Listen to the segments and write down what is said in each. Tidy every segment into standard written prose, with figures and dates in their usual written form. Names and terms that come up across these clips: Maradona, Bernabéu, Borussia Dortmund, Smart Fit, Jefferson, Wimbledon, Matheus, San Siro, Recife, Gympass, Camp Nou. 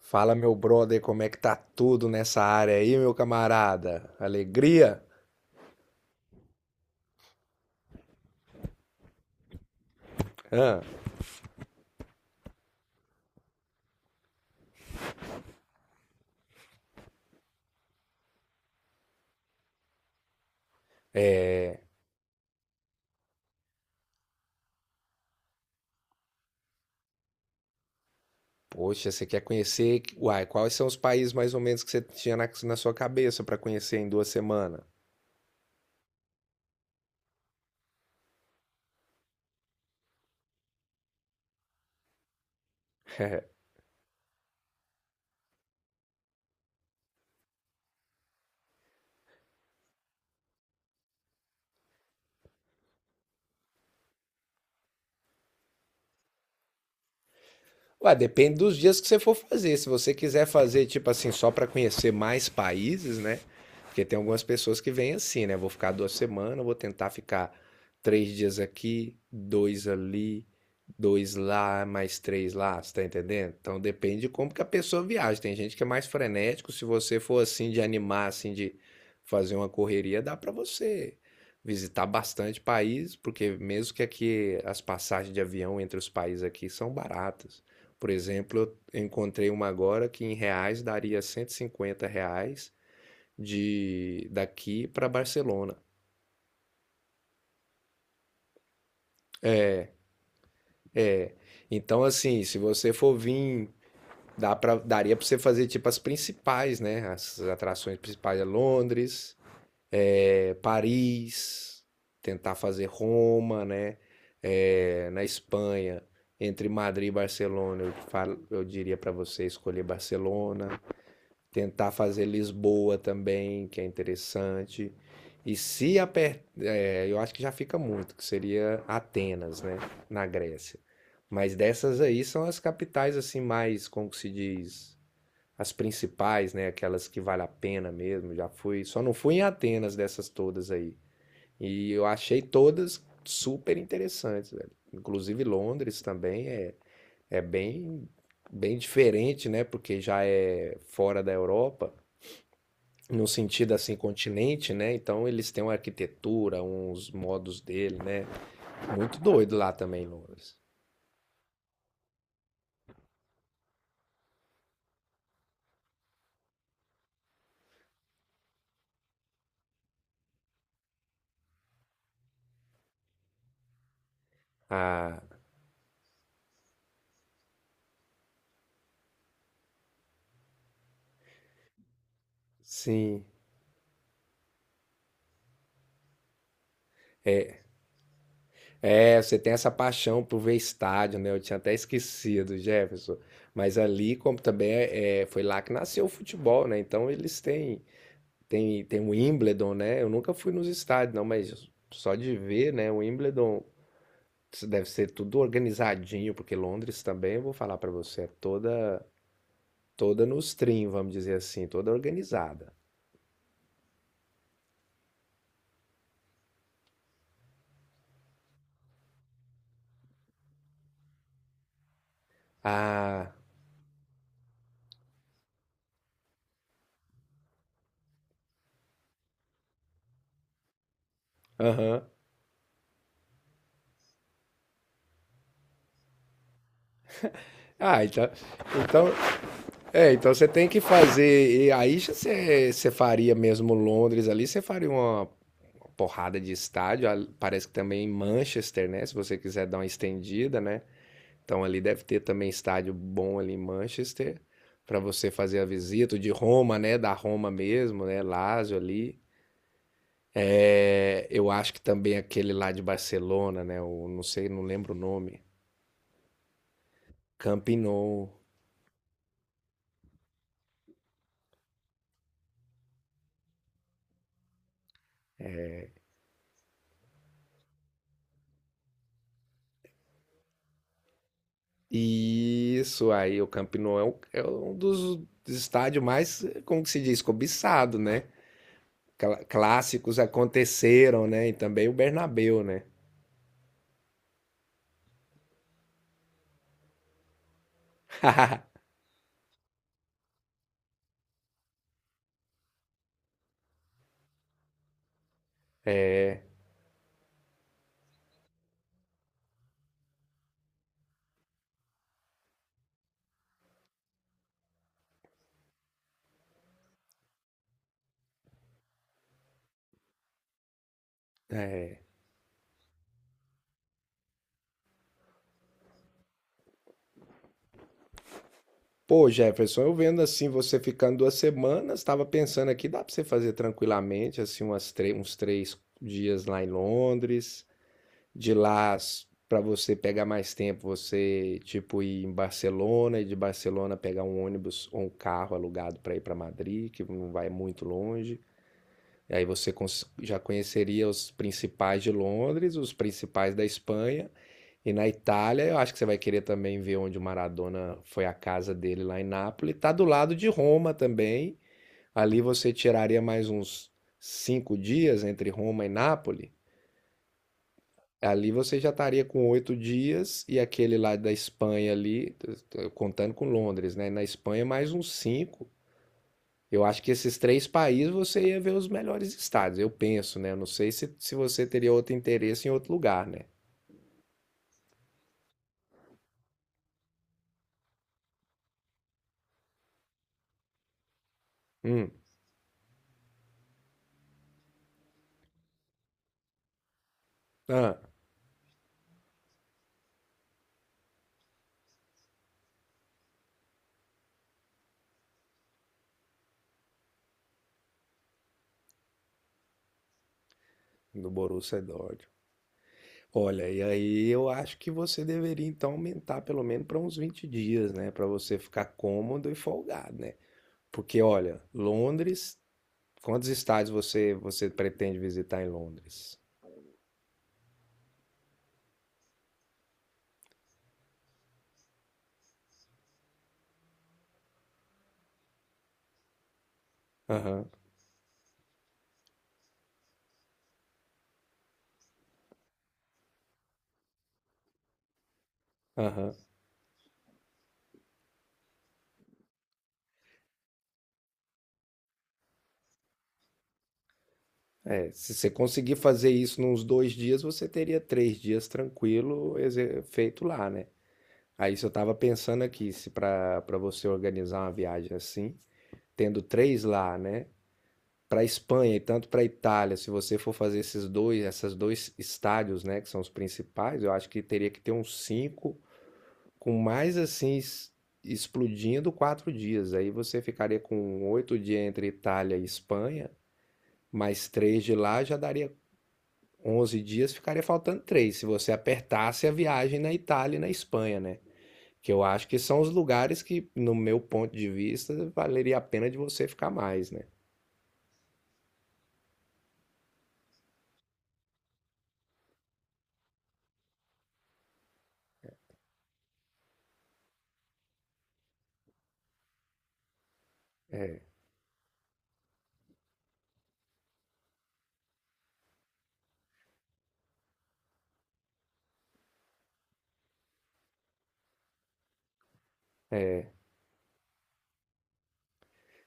Fala, meu brother, como é que tá tudo nessa área aí, meu camarada? Alegria? Hã? é... Poxa, você quer conhecer? Uai, quais são os países mais ou menos que você tinha na sua cabeça pra conhecer em 2 semanas? Ué, depende dos dias que você for fazer. Se você quiser fazer, tipo assim, só para conhecer mais países, né? Porque tem algumas pessoas que vêm assim, né? Vou ficar 2 semanas, vou tentar ficar 3 dias aqui, dois ali, dois lá, mais três lá, você tá entendendo? Então depende de como que a pessoa viaja. Tem gente que é mais frenético. Se você for assim de animar, assim, de fazer uma correria, dá para você visitar bastante país, porque mesmo que aqui as passagens de avião entre os países aqui são baratas. Por exemplo, eu encontrei uma agora que em reais daria R$ 150 de daqui para Barcelona. Então, assim, se você for vir, daria para você fazer tipo as principais, né? As atrações principais é Londres, Paris, tentar fazer Roma, né? É, na Espanha, entre Madrid e Barcelona, eu diria para você escolher Barcelona. Tentar fazer Lisboa também, que é interessante. E se aper... é, eu acho que já fica muito, que seria Atenas, né, na Grécia. Mas dessas aí são as capitais assim mais, como que se diz, as principais, né, aquelas que vale a pena mesmo. Já fui, só não fui em Atenas dessas todas aí. E eu achei todas super interessantes, velho. Inclusive Londres também é bem bem diferente, né, porque já é fora da Europa no sentido assim, continente, né? Então eles têm uma arquitetura, uns modos dele, né? Muito doido lá também, Londres. Ah, sim. É, você tem essa paixão por ver estádio, né? Eu tinha até esquecido, Jefferson. Mas ali, como também foi lá que nasceu o futebol, né? Então eles têm o Wimbledon, né? Eu nunca fui nos estádios, não, mas só de ver, né? O Wimbledon deve ser tudo organizadinho, porque Londres também, eu vou falar pra você, é toda nos trim, vamos dizer assim, toda organizada. Ah, aham. Ah, então, então, então você tem que fazer. E aí você faria mesmo Londres ali, você faria uma porrada de estádio. Ah, parece que também em Manchester, né? Se você quiser dar uma estendida, né? Então ali deve ter também estádio bom ali em Manchester para você fazer a visita. O de Roma, né? Da Roma mesmo, né? Lazio ali. É, eu acho que também aquele lá de Barcelona, né? Não sei, não lembro o nome. Camp Nou. Isso aí, o Campinou é um dos estádios mais, como que se diz, cobiçado, né? Clássicos aconteceram, né? E também o Bernabéu, né? É, é. Pô, Jefferson, eu vendo assim, você ficando 2 semanas, estava pensando aqui, dá para você fazer tranquilamente, assim, uns 3 dias lá em Londres, de lá para você pegar mais tempo, você tipo ir em Barcelona e de Barcelona pegar um ônibus ou um carro alugado para ir para Madrid, que não vai muito longe. E aí você já conheceria os principais de Londres, os principais da Espanha. E na Itália, eu acho que você vai querer também ver onde o Maradona foi a casa dele lá em Nápoles. Tá do lado de Roma também. Ali você tiraria mais uns 5 dias entre Roma e Nápoles. Ali você já estaria com 8 dias e aquele lá da Espanha ali, contando com Londres, né? Na Espanha mais uns cinco. Eu acho que esses três países você ia ver os melhores estados, eu penso, né? Eu não sei se você teria outro interesse em outro lugar, né? Hum, ah, do Borussia Dortmund. Olha, e aí eu acho que você deveria então aumentar pelo menos para uns 20 dias, né? Para você ficar cômodo e folgado, né? Porque, olha, Londres, quantos estádios você pretende visitar em Londres? Aham, aham. É, se você conseguir fazer isso nos 2 dias, você teria 3 dias tranquilo feito lá, né? Aí se eu tava pensando aqui, se para você organizar uma viagem assim, tendo três lá, né? Para Espanha e tanto para Itália, se você for fazer esses dois, essas dois estádios, né, que são os principais, eu acho que teria que ter uns cinco, com mais assim explodindo 4 dias. Aí você ficaria com 8 dias entre Itália e Espanha. Mais três de lá já daria 11 dias, ficaria faltando 3 se você apertasse a viagem na Itália e na Espanha, né? Que eu acho que são os lugares que, no meu ponto de vista, valeria a pena de você ficar mais, né? É.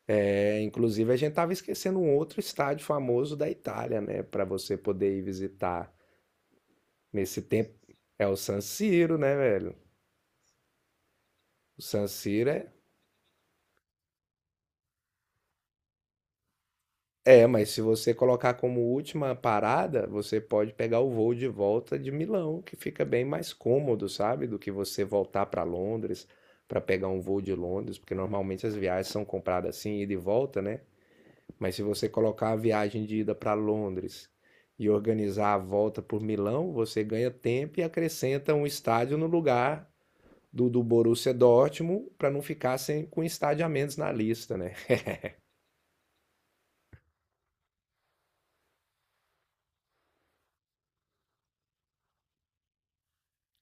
É, inclusive, a gente tava esquecendo um outro estádio famoso da Itália, né? Para você poder ir visitar nesse tempo. É o San Siro, né, velho? O San Siro é… É, mas se você colocar como última parada, você pode pegar o voo de volta de Milão, que fica bem mais cômodo, sabe? Do que você voltar para Londres para pegar um voo de Londres, porque normalmente as viagens são compradas assim, ida e volta, né? Mas se você colocar a viagem de ida para Londres e organizar a volta por Milão, você ganha tempo e acrescenta um estádio no lugar do Borussia Dortmund para não ficar sem, com estádio a menos na lista, né?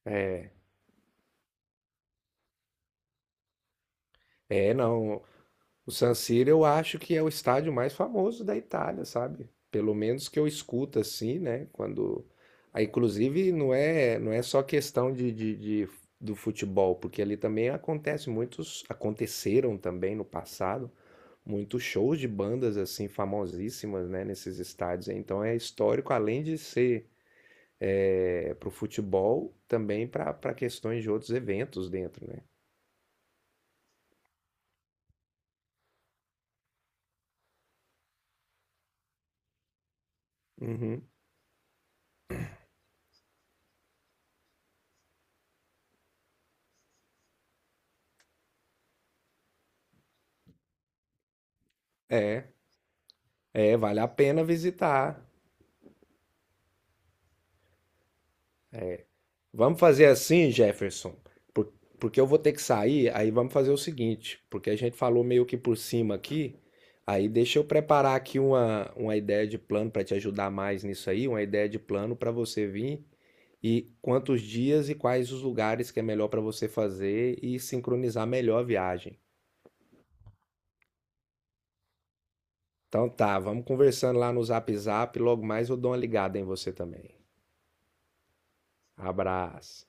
É. É, não. O San Siro eu acho que é o estádio mais famoso da Itália, sabe? Pelo menos que eu escuto assim, né? Inclusive não é só questão do futebol, porque ali também acontece muitos, aconteceram também no passado muitos shows de bandas assim famosíssimas, né? Nesses estádios. Então é histórico além de ser para o futebol, também para questões de outros eventos dentro, né? Uhum. É, é, vale a pena visitar. Vamos fazer assim, Jefferson, por- porque eu vou ter que sair, aí vamos fazer o seguinte, porque a gente falou meio que por cima aqui, aí deixa eu preparar aqui uma ideia de plano para te ajudar mais nisso aí, uma ideia de plano para você vir e quantos dias e quais os lugares que é melhor para você fazer e sincronizar melhor a viagem. Então tá, vamos conversando lá no Zap Zap, logo mais eu dou uma ligada em você também. Abraço.